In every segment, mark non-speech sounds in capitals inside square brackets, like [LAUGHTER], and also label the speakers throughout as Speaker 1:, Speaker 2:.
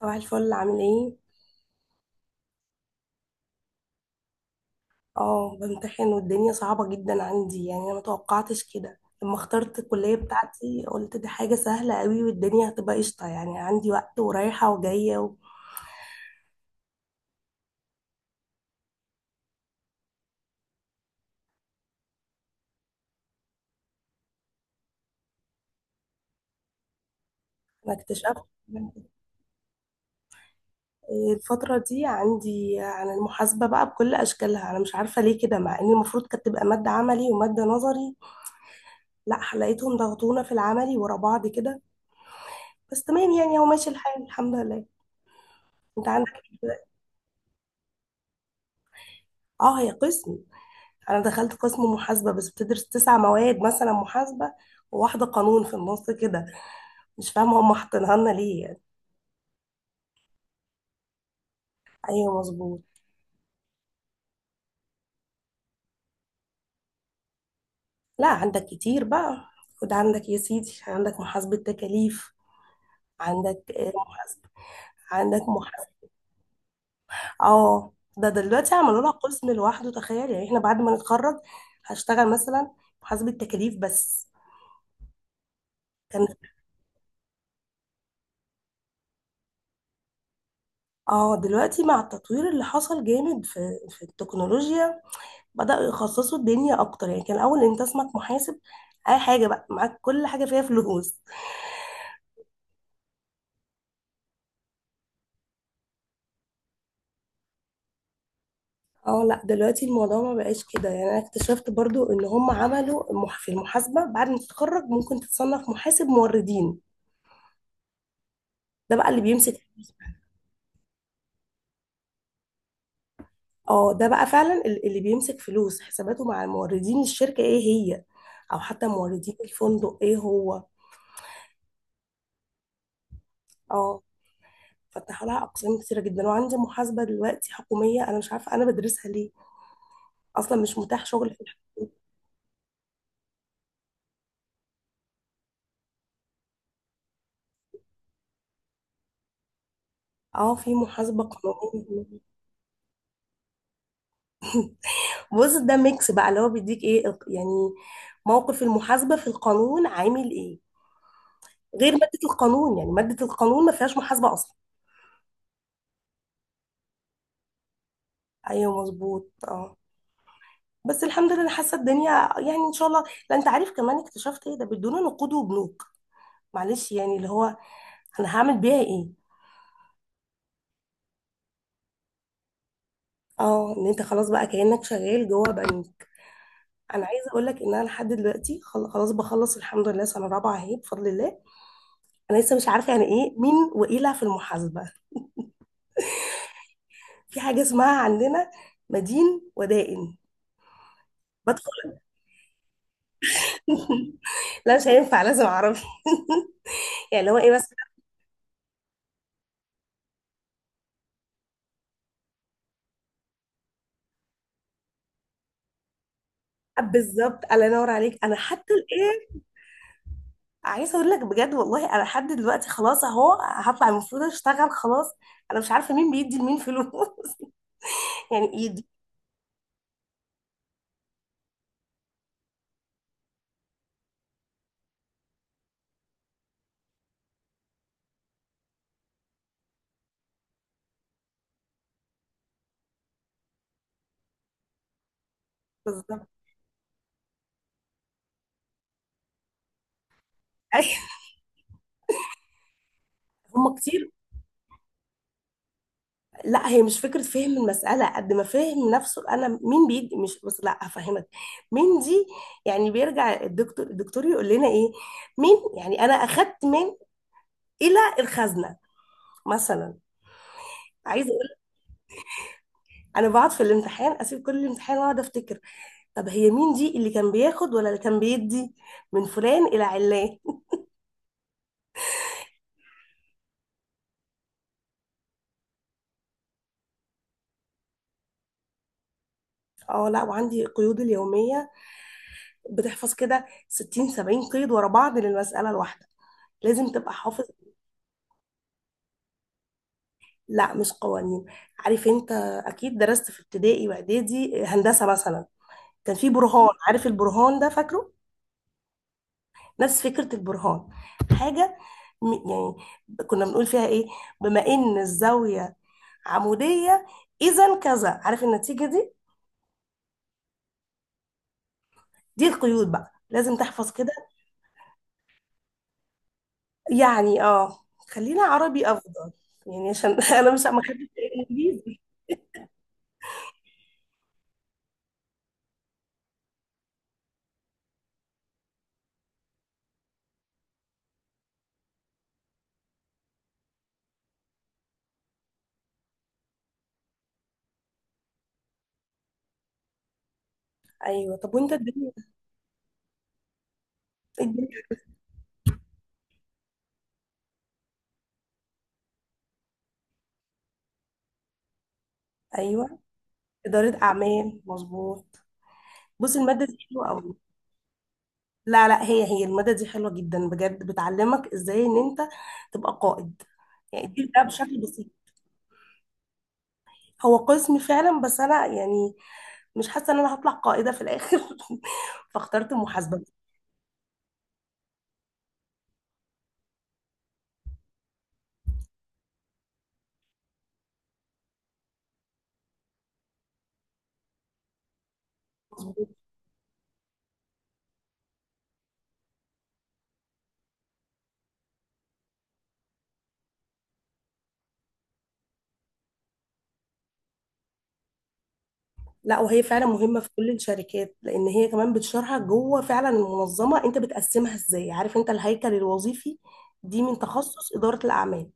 Speaker 1: صباح الفل، عامل ايه؟ اه، بمتحن والدنيا صعبة جدا عندي. يعني انا متوقعتش كده لما اخترت الكلية بتاعتي، قلت دي حاجة سهلة قوي والدنيا هتبقى قشطة، يعني عندي وقت ورايحة وجاية. وانا اكتشفت الفترة دي عندي عن المحاسبة بقى بكل أشكالها. أنا مش عارفة ليه كده، مع إن المفروض كانت تبقى مادة عملي ومادة نظري. لا، لقيتهم ضغطونا في العملي ورا بعض كده. بس تمام يعني، هو ماشي الحال الحمد لله. أنت عندك؟ اه، هي قسم. انا دخلت قسم محاسبه، بس بتدرس تسع مواد مثلا محاسبه، وواحده قانون في النص كده. مش فاهمه هم حاطينها لنا ليه يعني. ايوه مظبوط. لا، عندك كتير بقى. خد عندك يا سيدي، عندك محاسبه تكاليف، عندك محاسبه، عندك محاسبه. اه ده دلوقتي عملوا لها قسم لوحده، تخيل. يعني احنا بعد ما نتخرج هشتغل مثلا محاسبه تكاليف بس. كان، اه دلوقتي مع التطوير اللي حصل جامد في التكنولوجيا، بدأوا يخصصوا الدنيا أكتر. يعني كان الأول أنت اسمك محاسب، أي حاجة بقى معاك، كل حاجة فيها فلوس. اه لا، دلوقتي الموضوع ما بقاش كده. يعني أنا اكتشفت برضو إن هم عملوا في المحاسبة، بعد ما تتخرج ممكن تتصنف محاسب موردين. ده بقى اللي بيمسك فلوس. اه، ده بقى فعلا اللي بيمسك فلوس حساباته مع الموردين، الشركة ايه هي، أو حتى موردين الفندق ايه هو. اه، فتحوا لها أقسام كتيرة جدا، وعندي محاسبة دلوقتي حكومية، أنا مش عارفة أنا بدرسها ليه، اصلا مش متاح شغل. اه، في محاسبة قانونية. بص، ده ميكس بقى، اللي هو بيديك ايه يعني موقف المحاسبة في القانون عامل ايه، غير مادة القانون. يعني مادة القانون ما فيهاش محاسبة اصلا. ايوه مظبوط اه. بس الحمد لله، أنا حاسة الدنيا يعني ان شاء الله. لا انت عارف كمان اكتشفت ايه؟ ده بيدونا نقود وبنوك. معلش يعني اللي هو، انا هعمل بيها ايه؟ اه، ان انت خلاص بقى كأنك شغال جوه بنك. انا عايزه اقول لك ان انا لحد دلوقتي، خلاص بخلص الحمد لله، سنه رابعه اهي بفضل الله، انا لسه مش عارفه يعني ايه مين وإيلة في المحاسبه. في حاجه اسمها عندنا مدين ودائن. بدخل. [LAUGHS] لا مش هينفع، لازم اعرف. يعني اللي هو ايه بس. بالظبط، الله ينور عليك. انا حتى الايه، عايزه اقول لك بجد والله، انا لحد دلوقتي خلاص اهو هطلع المفروض اشتغل خلاص، انا مش عارفه مين بيدي لمين فلوس. [LAUGHS] يعني يدي. بالظبط. أيوة. هم كتير. لا، هي مش فكرة فهم المسألة قد ما فهم نفسه. أنا مين بيدي، مش بس، لا هفهمك. مين دي؟ يعني بيرجع الدكتور يقول لنا إيه، مين؟ يعني أنا أخدت من، إلى الخزنة مثلا. عايزة أقول، أنا بقعد في الامتحان أسيب كل الامتحان وأقعد أفتكر، طب هي مين دي، اللي كان بياخد ولا اللي كان بيدي، من فلان إلى علان. أه، لا وعندي قيود اليومية، بتحفظ كده 60 70 قيد ورا بعض للمسألة الواحدة، لازم تبقى حافظ. لا مش قوانين. عارف انت، اكيد درست في ابتدائي واعدادي هندسه مثلا، كان في برهان، عارف البرهان ده، فاكره؟ نفس فكره البرهان، حاجه، يعني كنا بنقول فيها ايه، بما ان الزاويه عموديه اذا كذا، عارف النتيجه دي. دي القيود بقى، لازم تحفظ كده. يعني اه، خلينا عربي افضل يعني، عشان [LAUGHS] انا مش ما خدتش انجليزي. ايوه، طب وانت الدنيا، الدنيا- ايوه اداره اعمال مظبوط. بص الماده دي حلوه قوي. لا لا، هي المادة دي حلوة جدا بجد، بتعلمك ازاي ان انت تبقى قائد. يعني ده بشكل بسيط، هو قسم فعلا، بس انا يعني مش حاسة ان انا هطلع قائدة في الاخر، [LAUGHS] فاخترت محاسبة. لا وهي فعلا مهمة في كل الشركات، لان هي كمان بتشرحك جوه فعلا المنظمة انت بتقسمها ازاي، عارف انت الهيكل الوظيفي، دي من تخصص إدارة الأعمال.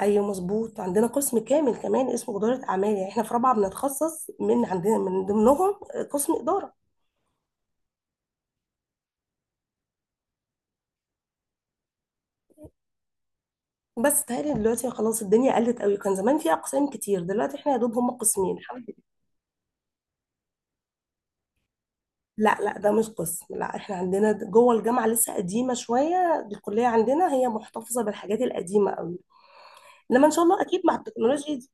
Speaker 1: أيوة مظبوط، عندنا قسم كامل كمان اسمه إدارة أعمال. يعني إحنا في رابعة بنتخصص من عندنا، من ضمنهم قسم إدارة. بس تهيألي دلوقتي خلاص الدنيا قلت قوي، كان زمان في اقسام كتير، دلوقتي احنا يا دوب هم قسمين الحمد لله. لا لا، ده مش قسم. لا احنا عندنا جوه الجامعه لسه قديمه شويه، الكليه عندنا هي محتفظه بالحاجات القديمه قوي. انما ان شاء الله اكيد مع التكنولوجيا دي،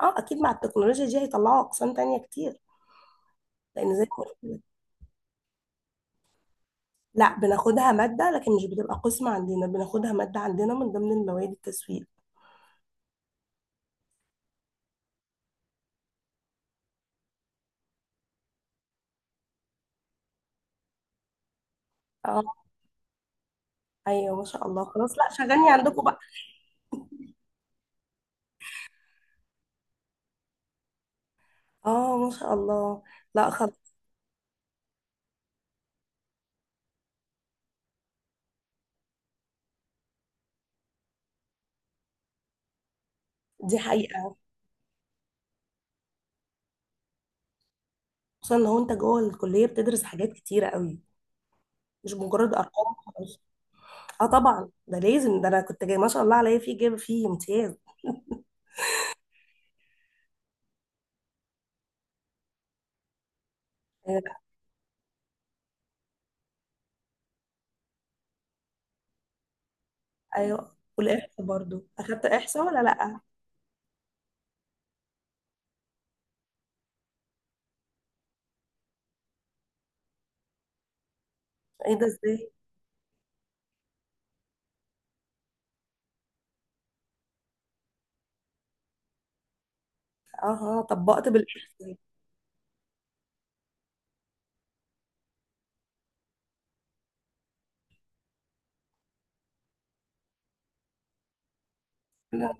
Speaker 1: اه اكيد مع التكنولوجيا دي هيطلعوا اقسام تانية كتير، لان زي ما قلت لك. لا بناخدها ماده، لكن مش بتبقى قسم عندنا، بناخدها ماده عندنا من ضمن المواد التسويق. اه. ايوه ما شاء الله، خلاص لا شغلني عندكم بقى. اه ما شاء الله. لا خلاص. دي حقيقه. خصوصا لو انت جوه الكليه بتدرس حاجات كتيره قوي، مش مجرد ارقام وخلاص. اه طبعا ده لازم، ده انا كنت جاي ما شاء الله عليا فيه، جايبه فيه امتياز. آه، ايوه، والاحصاء برضو، اخدت احصاء ولا لا؟ ايه ده، ازاي؟ اها طبقت بالاحصاء. لا.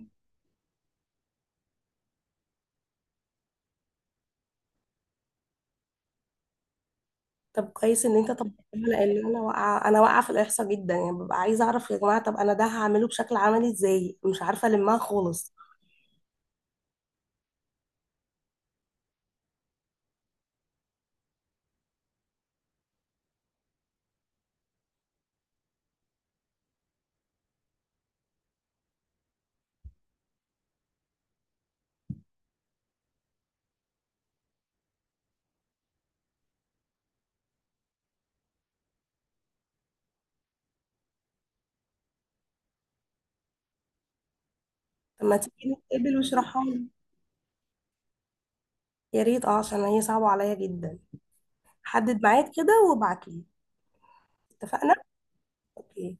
Speaker 1: طب كويس ان انت طبقتها، لان انا واقعه، انا واقعه في الاحصاء جدا يعني. ببقى عايزه اعرف يا جماعه، طب انا ده هعمله بشكل عملي ازاي، مش عارفه المها خالص. طب ما تيجي نتقابل واشرحها لي. يا ريت، اه عشان هي صعبه عليا جدا. حدد ميعاد كده وابعت لي. اتفقنا. Ok.